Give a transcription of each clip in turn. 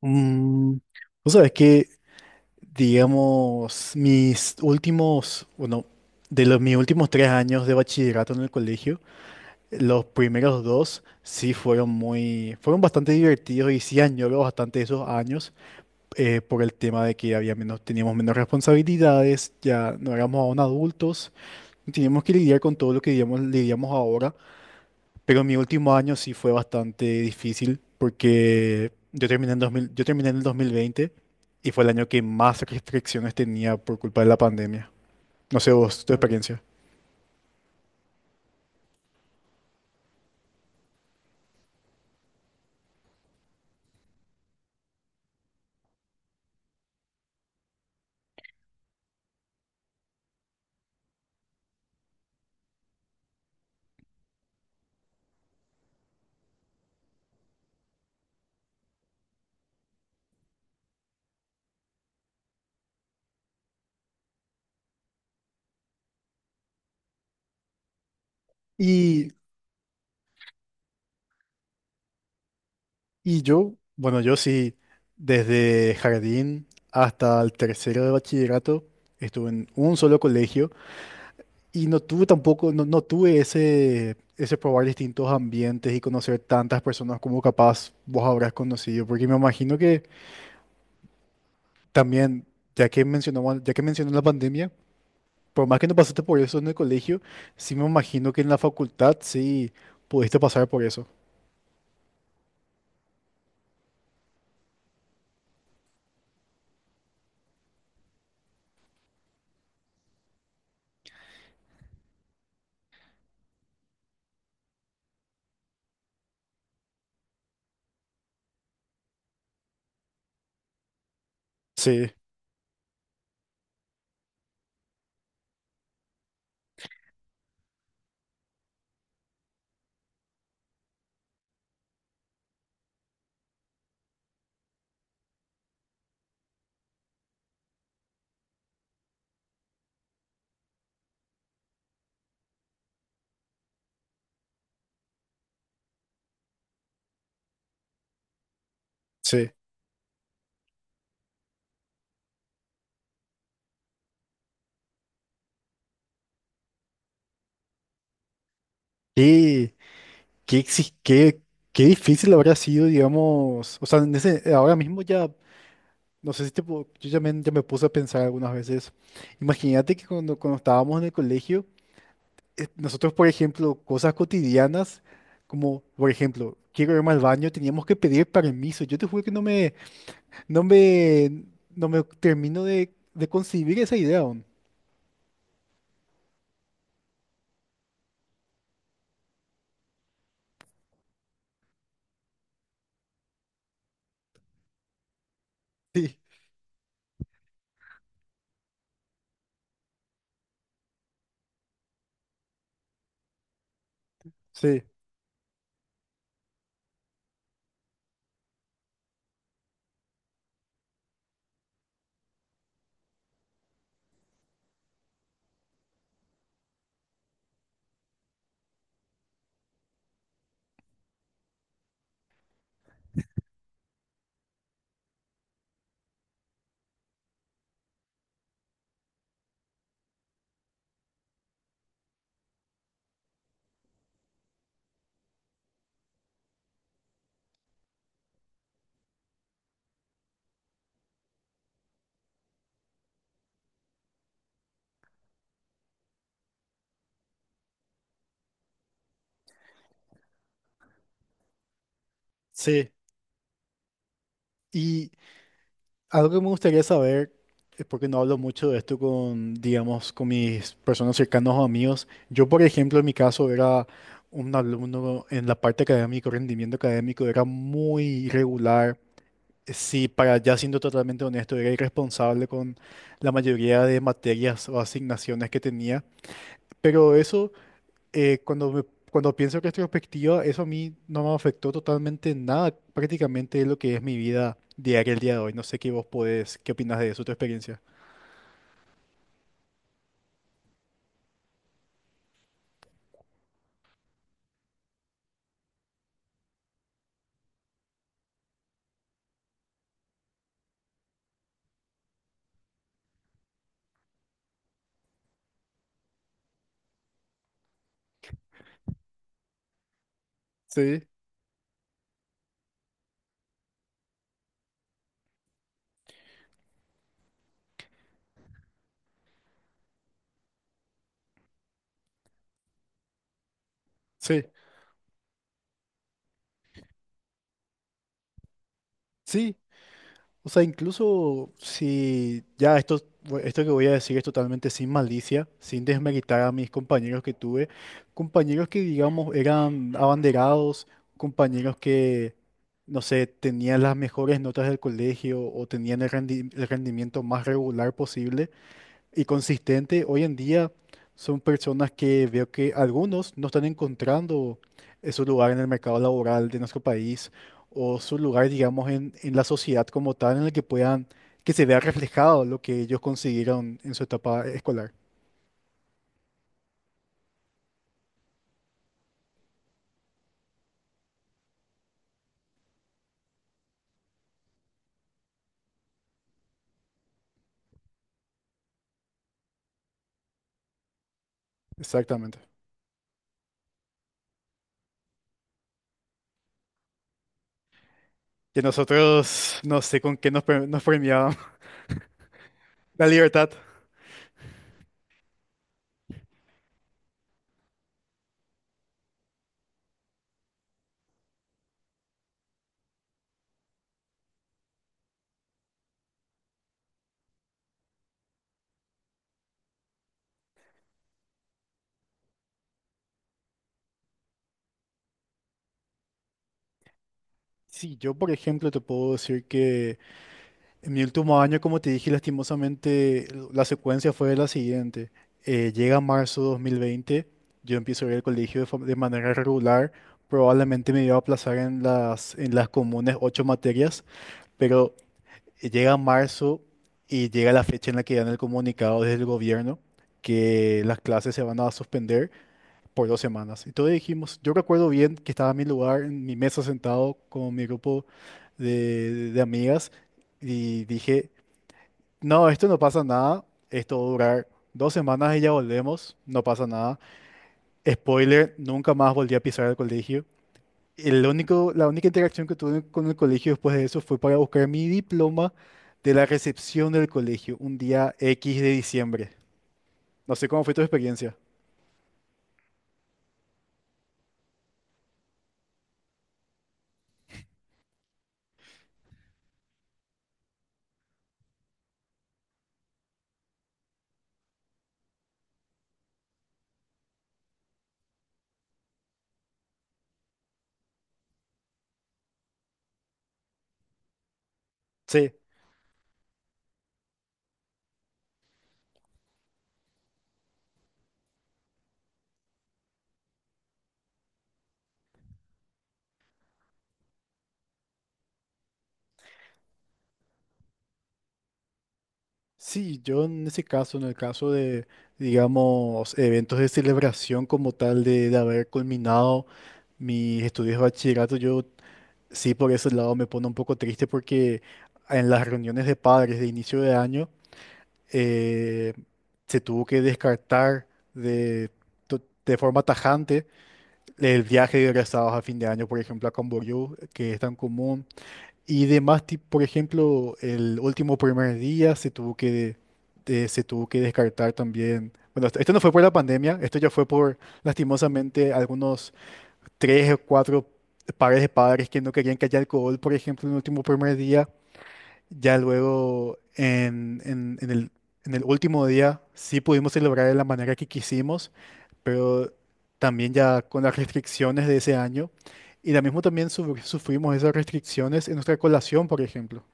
Mm, vos sabés que, digamos, mis últimos, bueno, de los mis últimos tres años de bachillerato en el colegio, los primeros dos sí fueron fueron bastante divertidos y sí añoro bastante esos años, por el tema de que teníamos menos responsabilidades, ya no éramos aún adultos, teníamos que lidiar con todo lo que, digamos, lidiamos ahora. Pero mi último año sí fue bastante difícil porque yo terminé en el 2020 y fue el año que más restricciones tenía por culpa de la pandemia. No sé vos, tu experiencia. Y, Bueno, yo sí, desde jardín hasta el tercero de bachillerato, estuve en un solo colegio y no tuve tampoco, no tuve ese probar distintos ambientes y conocer tantas personas como capaz vos habrás conocido, porque me imagino que también, ya que mencionó la pandemia, por más que no pasaste por eso en el colegio, sí me imagino que en la facultad sí pudiste pasar por eso. Sí, sí. Qué, qué, exi- qué, qué difícil habrá sido, digamos, o sea, ahora mismo ya, no sé si te, pu- yo ya ya me puse a pensar algunas veces. Imagínate que cuando estábamos en el colegio, nosotros, por ejemplo, cosas cotidianas, como, por ejemplo, quiero irme al baño, teníamos que pedir permiso. Yo te juro que no me... No me, no me termino de concebir esa idea aún. Sí, sí, sí. Y algo que me gustaría saber, es porque no hablo mucho de esto con, digamos, con mis personas cercanas o amigos. Yo, por ejemplo, en mi caso era un alumno en la parte académica, rendimiento académico, era muy irregular. Sí, para ya siendo totalmente honesto, era irresponsable con la mayoría de materias o asignaciones que tenía. Pero eso... eh, cuando, me- cuando pienso que retrospectiva, eso a mí no me afectó totalmente en nada, prácticamente es lo que es mi vida diaria el día de hoy. No sé qué vos qué opinas de eso, tu experiencia. Sí, sí, sí. O sea, incluso si ya esto, bu- esto que voy a decir es totalmente sin malicia, sin desmeritar a mis compañeros que tuve, compañeros que, digamos, eran abanderados, compañeros que, no sé, tenían las mejores notas del colegio o tenían el rendimiento más regular posible y consistente. Hoy en día son personas que veo que algunos no están encontrando, su lugar en el mercado laboral de nuestro país o su lugar, digamos, en la sociedad como tal, en el que puedan, que se vea reflejado lo que ellos consiguieron en su etapa escolar. Exactamente. Que nosotros no sé con qué nos premiaban la libertad. Sí, yo, por ejemplo, te puedo decir que en mi último año, como te dije, lastimosamente, la secuencia fue la siguiente. Llega marzo 2020, yo empiezo a ir al colegio de manera regular, probablemente me iba a aplazar en en las comunes ocho materias, pero llega marzo y llega la fecha en la que dan el comunicado desde el gobierno que las clases se van a suspender por dos semanas. Y todos dijimos, yo recuerdo bien que estaba en mi lugar, en mi mesa sentado con mi grupo de amigas y dije... No, esto no pasa nada. Esto va a durar dos semanas y ya volvemos. No pasa nada. Spoiler, nunca más volví a pisar el colegio. La única interacción que tuve con el colegio después de eso fue para buscar mi diploma de la recepción del colegio, un día X de diciembre. No sé cómo fue tu experiencia. Sí. Sí, yo en ese caso, en el caso de, digamos, eventos de celebración como tal de haber culminado mis estudios de bachillerato, yo... Sí, por ese lado me pone un poco triste porque en las reuniones de padres de inicio de año, eh, se tuvo que descartar de, de forma tajante el viaje de egresados a fin de año, por ejemplo, a Camboriú, que es tan común, y demás, por ejemplo, el último primer día se tuvo que, se tuvo que descartar también. Bueno, esto no fue por la pandemia, esto ya fue por, lastimosamente, algunos tres o cuatro pares de padres que no querían que haya alcohol, por ejemplo, en el último primer día. Ya luego, en el último día, sí pudimos celebrar de la manera que quisimos, pero también ya con las restricciones de ese año. Y la mismo también sufrimos esas restricciones en nuestra colación, por ejemplo.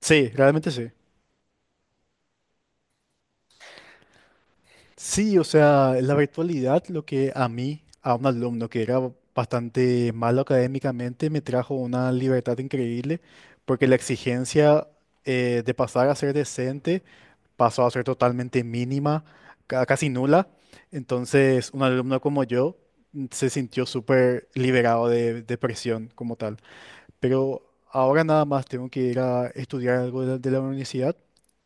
Sí, realmente sí. Sí, o sea, la virtualidad, lo que a mí, a un alumno que era bastante malo académicamente, me trajo una libertad increíble, porque la exigencia, de pasar a ser decente pasó a ser totalmente mínima, casi nula. Entonces, un alumno como yo, se sintió súper liberado de presión como tal. Pero ahora nada más tengo que ir a estudiar algo de la universidad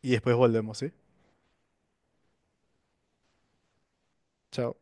y después volvemos, ¿sí? Chao.